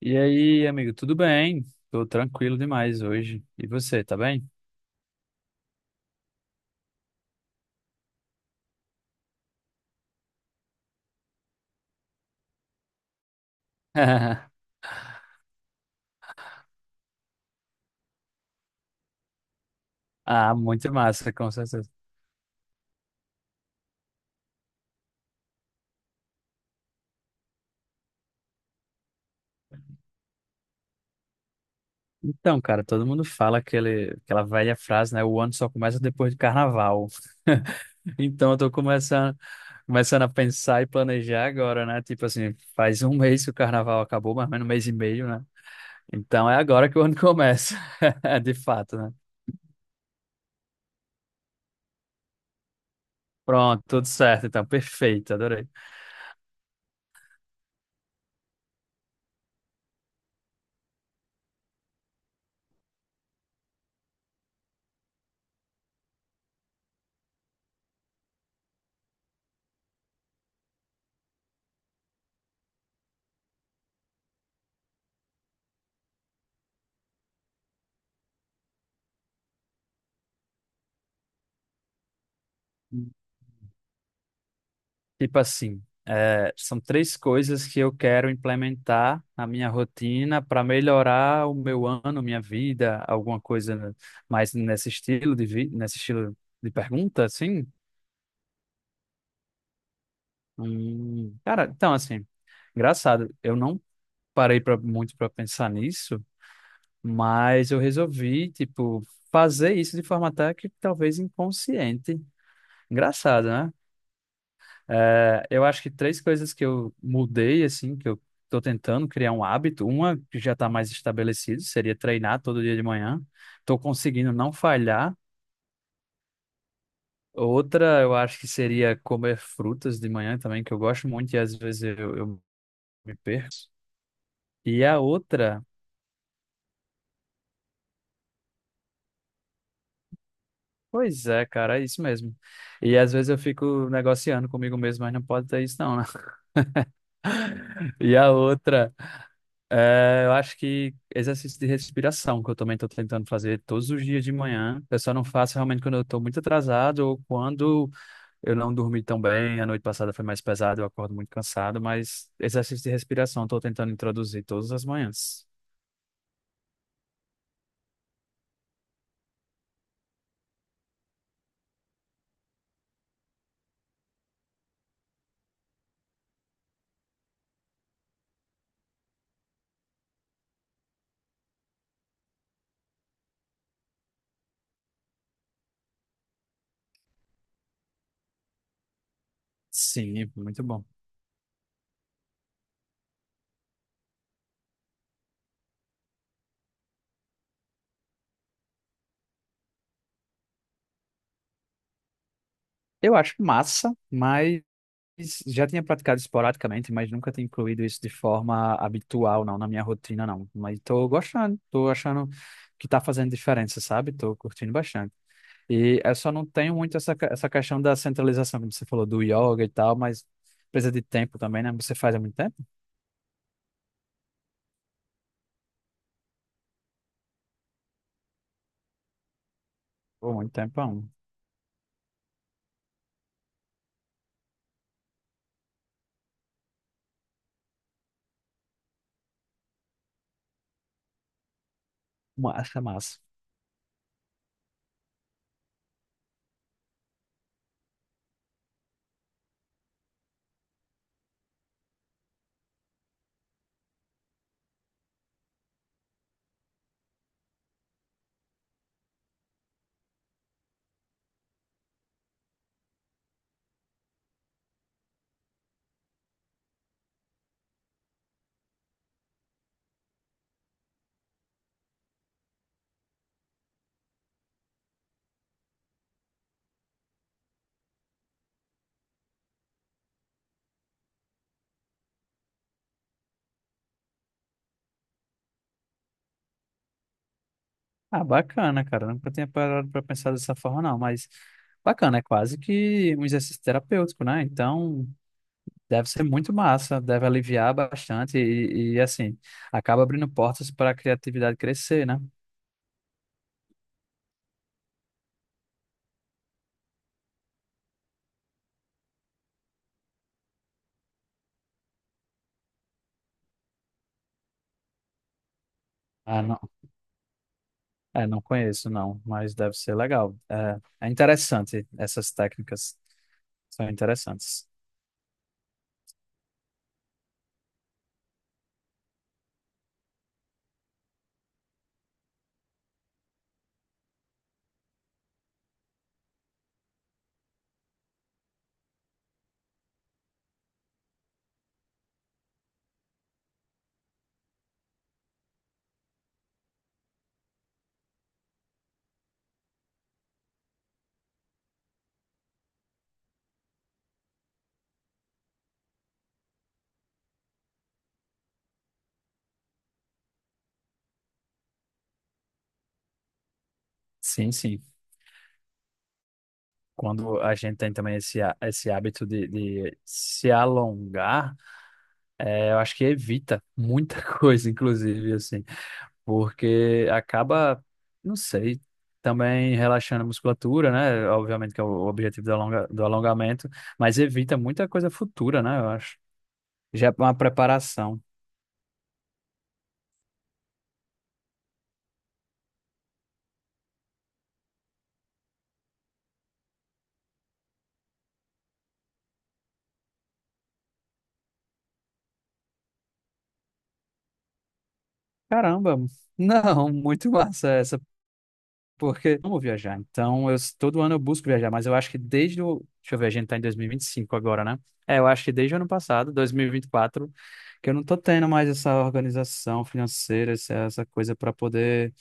E aí, amigo, tudo bem? Tô tranquilo demais hoje. E você, tá bem? Ah, muito massa, com certeza. Então, cara, todo mundo fala aquela velha frase, né? O ano só começa depois do carnaval. Então, eu tô começando a pensar e planejar agora, né? Tipo assim, faz um mês que o carnaval acabou, mais ou menos um mês e meio, né? Então, é agora que o ano começa, de fato, né? Pronto, tudo certo, então, perfeito, adorei. Tipo assim, são três coisas que eu quero implementar na minha rotina para melhorar o meu ano, minha vida, alguma coisa mais nesse estilo de vi nesse estilo de pergunta, assim. Cara, então assim, engraçado, eu não parei muito para pensar nisso, mas eu resolvi, tipo, fazer isso de forma até que talvez inconsciente. Engraçado, né? É, eu acho que três coisas que eu mudei, assim, que eu tô tentando criar um hábito. Uma que já tá mais estabelecido, seria treinar todo dia de manhã. Tô conseguindo não falhar. Outra, eu acho que seria comer frutas de manhã também, que eu gosto muito e às vezes eu me perco. E a outra, pois é, cara, é isso mesmo. E às vezes eu fico negociando comigo mesmo, mas não pode ter isso não, né? E a outra. É, eu acho que exercício de respiração, que eu também estou tentando fazer todos os dias de manhã. Eu só não faço realmente quando eu estou muito atrasado ou quando eu não dormi tão bem. A noite passada foi mais pesada, eu acordo muito cansado, mas exercício de respiração estou tentando introduzir todas as manhãs. Sim, muito bom. Eu acho massa, mas já tinha praticado esporadicamente, mas nunca tinha incluído isso de forma habitual, não, na minha rotina, não. Mas estou gostando, estou achando que está fazendo diferença, sabe? Estou curtindo bastante. E eu só não tenho muito essa questão da centralização, como você falou, do yoga e tal, mas precisa de tempo também, né? Você faz há muito tempo? Pô, muito tempo, é um. Massa, massa. Ah, bacana, cara. Nunca tinha parado pra pensar dessa forma, não, mas bacana, é quase que um exercício terapêutico, né? Então. Deve ser muito massa, deve aliviar bastante e assim, acaba abrindo portas para a criatividade crescer, né? Ah, não, é, não conheço, não, mas deve ser legal. É, é interessante, essas técnicas são interessantes. Sim, sim. Quando a gente tem também esse hábito de se alongar, eu acho que evita muita coisa, inclusive, assim, porque acaba, não sei, também relaxando a musculatura, né? Obviamente que é o objetivo do do alongamento, mas evita muita coisa futura, né? Eu acho. Já é uma preparação. Caramba, não, muito massa essa. Porque eu amo viajar. Então, eu, todo ano eu busco viajar, mas eu acho que desde o. Deixa eu ver, a gente tá em 2025 agora, né? É, eu acho que desde o ano passado, 2024, que eu não tô tendo mais essa organização financeira, essa coisa para poder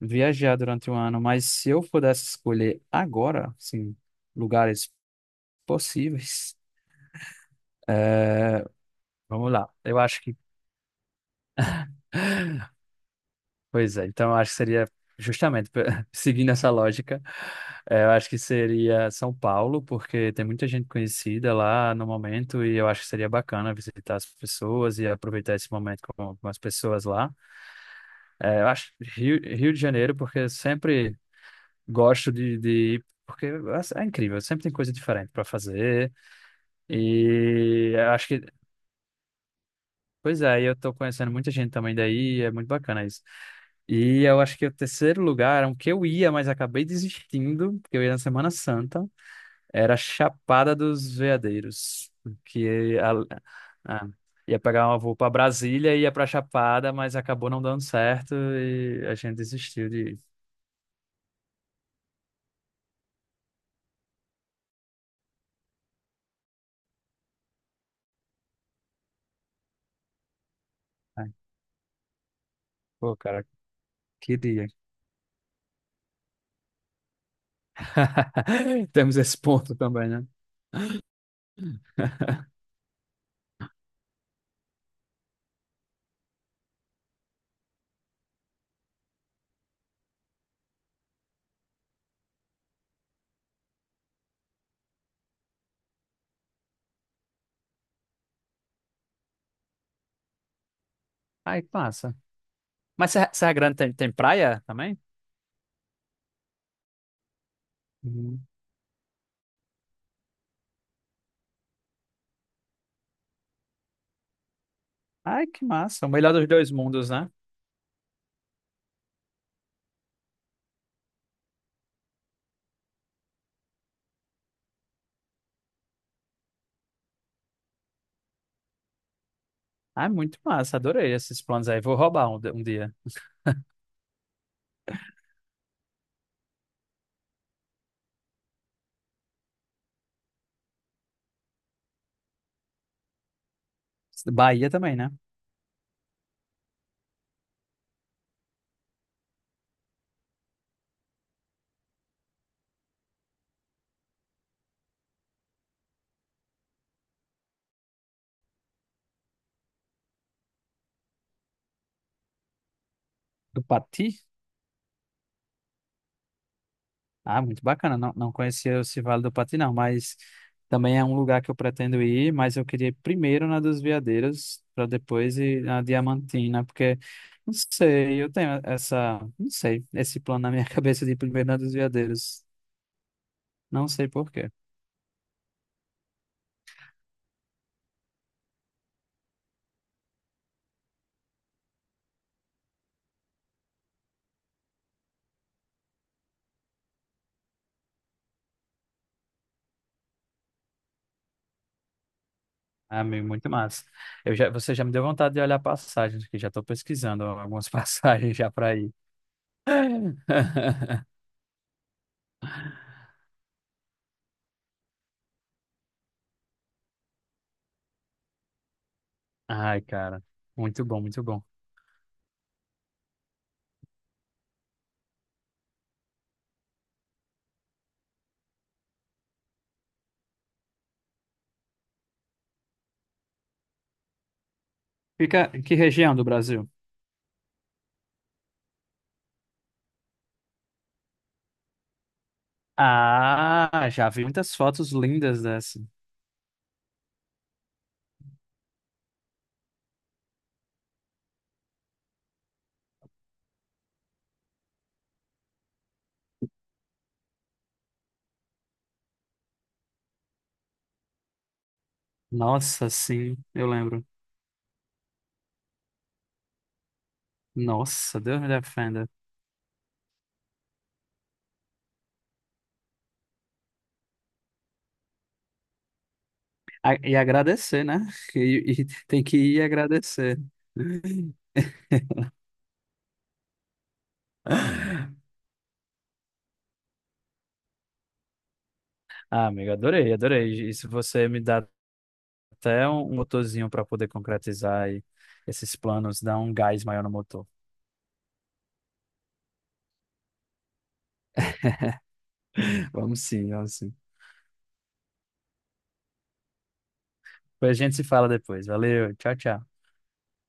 viajar durante o ano. Mas se eu pudesse escolher agora, assim, lugares possíveis, vamos lá. Eu acho que... Pois é, então eu acho que seria justamente seguindo essa lógica, eu acho que seria São Paulo, porque tem muita gente conhecida lá no momento e eu acho que seria bacana visitar as pessoas e aproveitar esse momento com as pessoas lá. Eu acho Rio, Rio de Janeiro, porque eu sempre gosto de ir, porque é incrível, sempre tem coisa diferente para fazer e eu acho que... Pois é, e eu tô conhecendo muita gente também daí, é muito bacana isso. E eu acho que o terceiro lugar, era um que eu ia, mas acabei desistindo, porque eu ia na Semana Santa, era Chapada dos Veadeiros, que a, ah, ia pegar uma voo para Brasília e ia para Chapada, mas acabou não dando certo e a gente desistiu de ir. Ai, pô, cara, que dia. Temos esse ponto também, né? Ai passa. Mas Serra Grande tem, tem praia também? Ai, que massa. O melhor dos dois mundos, né? Ai, muito massa. Adorei esses planos aí. Vou roubar um dia. Bahia também, né? Do Pati. Ah, muito bacana. Não, não conhecia esse Vale do Pati, não, mas também é um lugar que eu pretendo ir, mas eu queria ir primeiro na dos Veadeiros, para depois ir na Diamantina, porque não sei, eu tenho essa, não sei, esse plano na minha cabeça de ir primeiro na dos Veadeiros. Não sei porquê... Ah, meu, muito massa. Eu já, você já me deu vontade de olhar passagens, que já estou pesquisando algumas passagens já para ir. Ai, cara, muito bom, muito bom. Fica em que região do Brasil? Ah, já vi muitas fotos lindas dessa. Nossa, sim, eu lembro. Nossa, Deus me defenda. A- E agradecer, né? E, e tem que ir agradecer. Ah, amigo, adorei, adorei. E se você me dá até um motorzinho para poder concretizar e esses planos, dar um gás maior no motor. Vamos sim, vamos sim. Depois a gente se fala depois. Valeu, tchau, tchau.